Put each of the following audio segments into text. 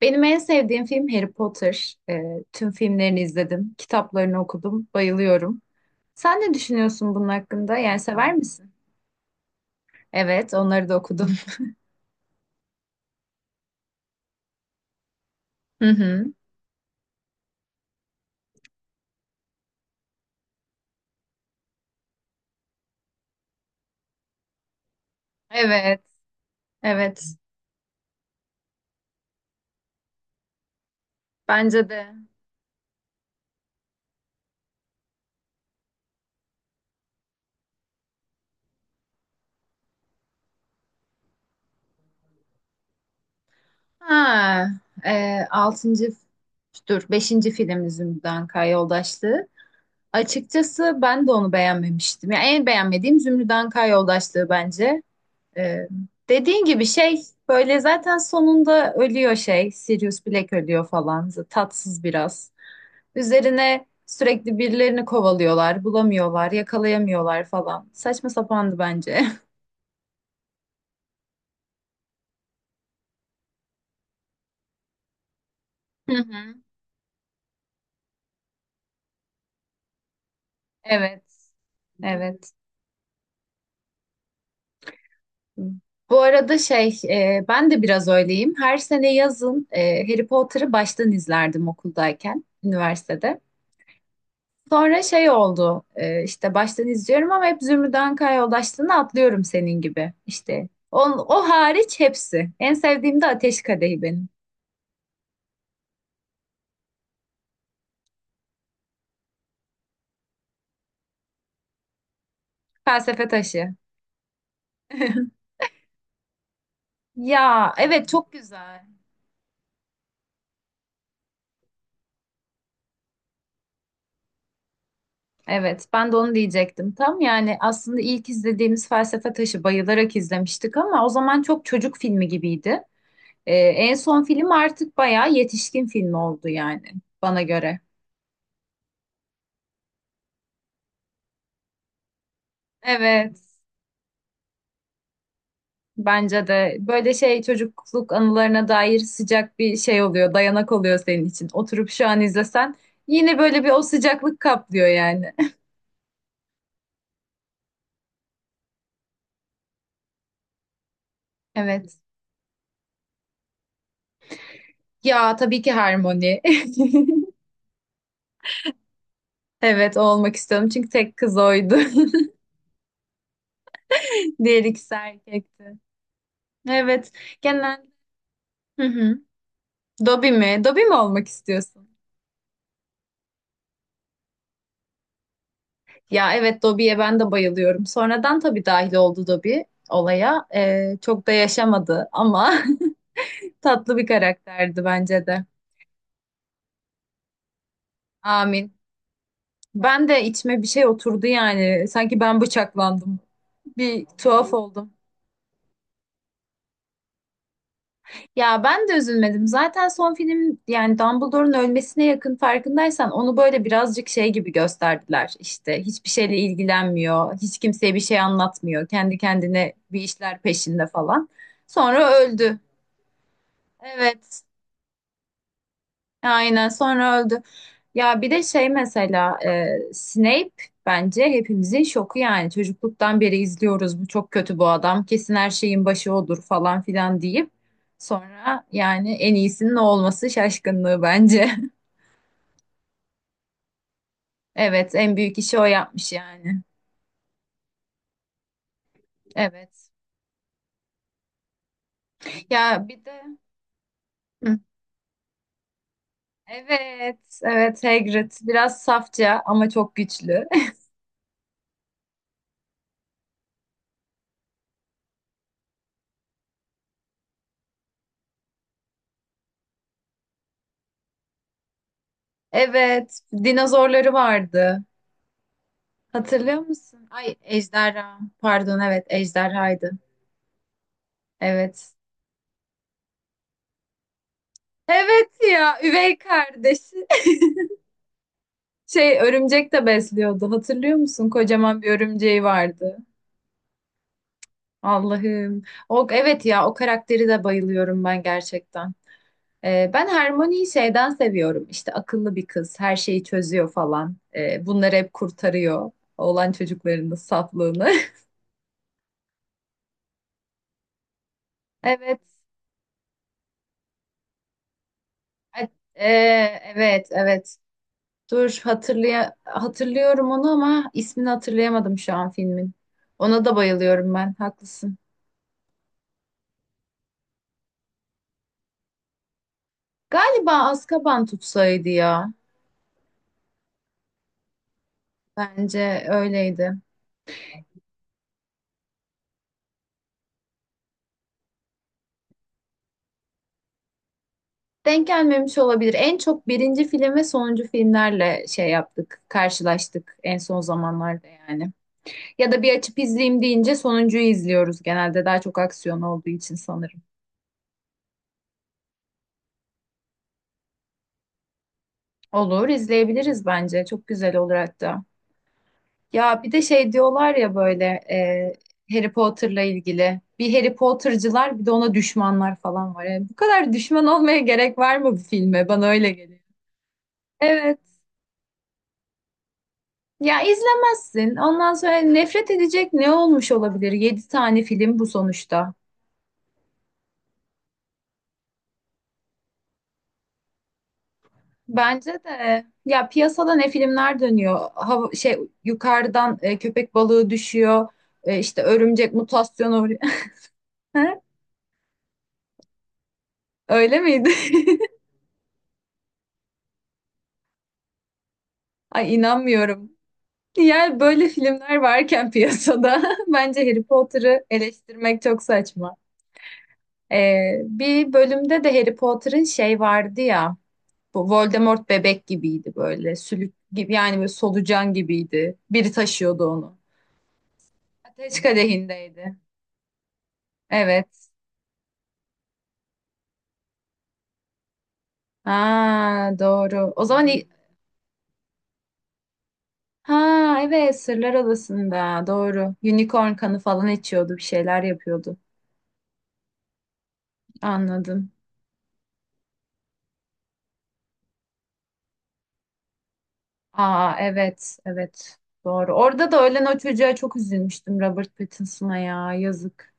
Benim en sevdiğim film Harry Potter. Tüm filmlerini izledim, kitaplarını okudum, bayılıyorum. Sen ne düşünüyorsun bunun hakkında? Yani sever misin? Evet, onları da okudum. Hı hı. Evet, evet. Bence de. Ha, altıncı, dur, beşinci film Zümrüt Anka Yoldaşlığı. Açıkçası ben de onu beğenmemiştim. Yani en beğenmediğim Zümrüt Anka Yoldaşlığı bence. Ee, dediğin gibi şey böyle zaten sonunda ölüyor şey. Sirius Black ölüyor falan. Tatsız biraz. Üzerine sürekli birilerini kovalıyorlar. Bulamıyorlar, yakalayamıyorlar falan. Saçma sapandı bence. Hı hı. Evet. Evet. Bu arada şey, ben de biraz öyleyim. Her sene yazın Harry Potter'ı baştan izlerdim okuldayken, üniversitede. Sonra şey oldu işte baştan izliyorum ama hep Zümrüt yoldaşlığını atlıyorum senin gibi işte. O hariç hepsi. En sevdiğim de Ateş Kadehi benim. Felsefe taşı. Ya evet, çok güzel. Evet, ben de onu diyecektim tam yani aslında ilk izlediğimiz Felsefe Taşı bayılarak izlemiştik ama o zaman çok çocuk filmi gibiydi. En son film artık bayağı yetişkin filmi oldu yani bana göre. Evet. Bence de böyle şey çocukluk anılarına dair sıcak bir şey oluyor, dayanak oluyor senin için. Oturup şu an izlesen yine böyle bir o sıcaklık kaplıyor yani. Evet. Ya tabii ki Harmony. Evet, o olmak istiyorum çünkü tek kız oydu. Diğer ikisi erkekti. Evet, genel. Hı hı. Dobby mi? Dobby mi olmak istiyorsun? Ya evet, Dobby'ye ben de bayılıyorum. Sonradan tabii dahil oldu Dobby olaya. Çok da yaşamadı ama Tatlı bir karakterdi bence de. Amin. Ben de içime bir şey oturdu yani. Sanki ben bıçaklandım. Bir tuhaf oldum. Ya ben de üzülmedim. Zaten son film yani Dumbledore'un ölmesine yakın farkındaysan onu böyle birazcık şey gibi gösterdiler. İşte hiçbir şeyle ilgilenmiyor. Hiç kimseye bir şey anlatmıyor. Kendi kendine bir işler peşinde falan. Sonra öldü. Evet. Aynen sonra öldü. Ya bir de şey mesela Snape bence hepimizin şoku yani çocukluktan beri izliyoruz, bu çok kötü, bu adam kesin her şeyin başı odur falan filan deyip sonra yani en iyisinin o olması şaşkınlığı bence. Evet, en büyük işi o yapmış yani. Evet. Ya bir de Hı. Evet, evet, Hagrid biraz safça ama çok güçlü. Evet, dinozorları vardı. Hatırlıyor musun? Ay Ejderha. Pardon, evet Ejderha'ydı. Evet. Evet ya, üvey kardeşi. Şey örümcek de besliyordu. Hatırlıyor musun? Kocaman bir örümceği vardı. Allah'ım. O, evet ya, o karakteri de bayılıyorum ben gerçekten. Ben Hermione'yi şeyden seviyorum. İşte akıllı bir kız. Her şeyi çözüyor falan. Bunları hep kurtarıyor. Oğlan çocuklarının saflığını. Evet. E- evet, evet. Dur, hatırlıyorum onu ama ismini hatırlayamadım şu an filmin. Ona da bayılıyorum ben. Haklısın. Galiba Azkaban tutsaydı ya. Bence öyleydi. Denk gelmemiş olabilir. En çok birinci film ve sonuncu filmlerle şey yaptık, karşılaştık en son zamanlarda yani. Ya da bir açıp izleyeyim deyince sonuncuyu izliyoruz genelde. Daha çok aksiyon olduğu için sanırım. Olur, izleyebiliriz bence. Çok güzel olur hatta. Ya bir de şey diyorlar ya böyle Harry Potter'la ilgili. Bir Harry Potter'cılar bir de ona düşmanlar falan var. Yani bu kadar düşman olmaya gerek var mı bu filme? Bana öyle geliyor. Evet. Ya izlemezsin. Ondan sonra nefret edecek ne olmuş olabilir? Yedi tane film bu sonuçta. Bence de ya, piyasada ne filmler dönüyor? Hava, şey, yukarıdan köpek balığı düşüyor. E, işte örümcek mutasyonu uğruyor. Öyle miydi? Ay inanmıyorum. Yani böyle filmler varken piyasada bence Harry Potter'ı eleştirmek çok saçma. Bir bölümde de Harry Potter'ın şey vardı ya, bu Voldemort bebek gibiydi böyle, sülük gibi, yani böyle solucan gibiydi. Biri taşıyordu onu. Ateş kadehindeydi. Evet. Ha doğru. O zaman ha evet, Sırlar Adası'nda doğru. Unicorn kanı falan içiyordu, bir şeyler yapıyordu. Anladım. Aa evet, evet doğru. Orada da ölen o çocuğa çok üzülmüştüm, Robert Pattinson'a ya, yazık.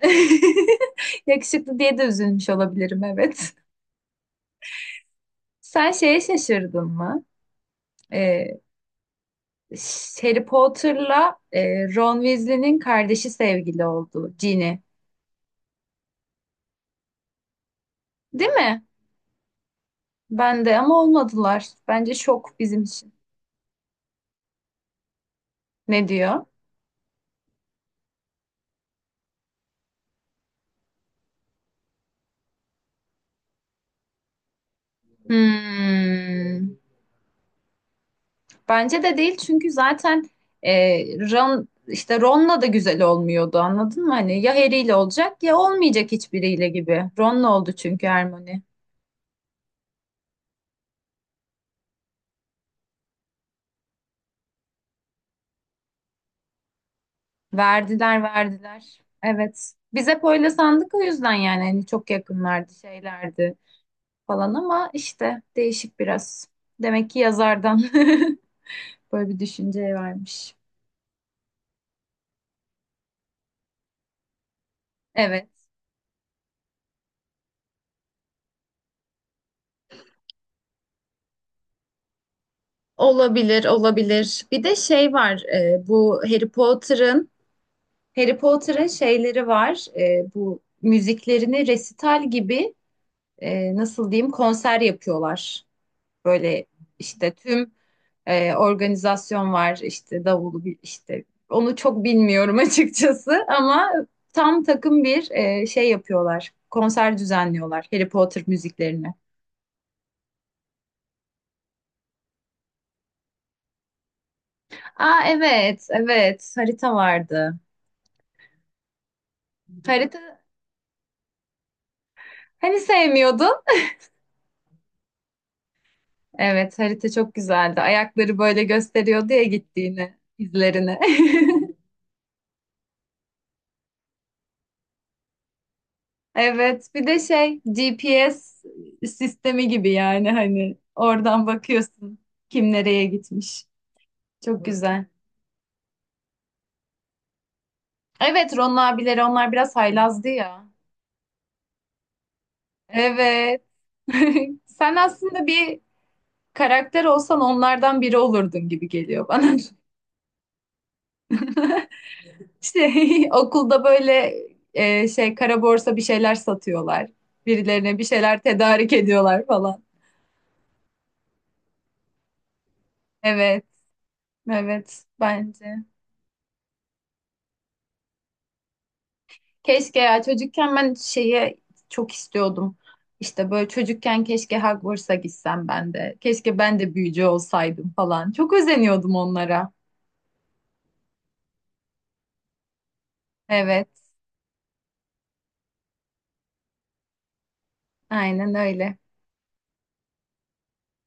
Yakışıklı diye de üzülmüş olabilirim, evet. Sen şeye şaşırdın mı? Ee, Harry Potter'la Ron Weasley'nin kardeşi sevgili oldu, Ginny. Değil mi? Ben de, ama olmadılar. Bence şok bizim için. Ne diyor? Hmm. Bence de değil çünkü zaten e, Ron, işte Ron'la da güzel olmuyordu, anladın mı? Hani ya Harry'yle olacak ya olmayacak, hiçbiriyle gibi. Ron'la oldu çünkü Hermione. Verdiler, verdiler. Evet. Biz hep öyle sandık o yüzden yani, hani çok yakınlardı, şeylerdi falan ama işte değişik biraz. Demek ki yazardan böyle bir düşünceye varmış. Evet. Olabilir, olabilir. Bir de şey var, bu Harry Potter'ın şeyleri var. Bu müziklerini resital gibi, nasıl diyeyim, konser yapıyorlar. Böyle işte tüm organizasyon var işte, davulu işte onu çok bilmiyorum açıkçası, ama tam takım bir şey yapıyorlar. Konser düzenliyorlar Harry Potter müziklerini. Aa evet, evet harita vardı. Harita, hani sevmiyordun? Evet, harita çok güzeldi. Ayakları böyle gösteriyordu ya gittiğini, izlerini. Evet, bir de şey, GPS sistemi gibi yani, hani oradan bakıyorsun kim nereye gitmiş. Çok güzel. Evet, Ron abileri onlar biraz haylazdı ya. Evet. Sen aslında bir karakter olsan onlardan biri olurdun gibi geliyor bana. İşte okulda böyle şey kara borsa bir şeyler satıyorlar. Birilerine bir şeyler tedarik ediyorlar falan. Evet, evet bence. Keşke ya, çocukken ben şeye çok istiyordum. İşte böyle çocukken keşke Hogwarts'a gitsem ben de. Keşke ben de büyücü olsaydım falan. Çok özeniyordum onlara. Evet, aynen öyle.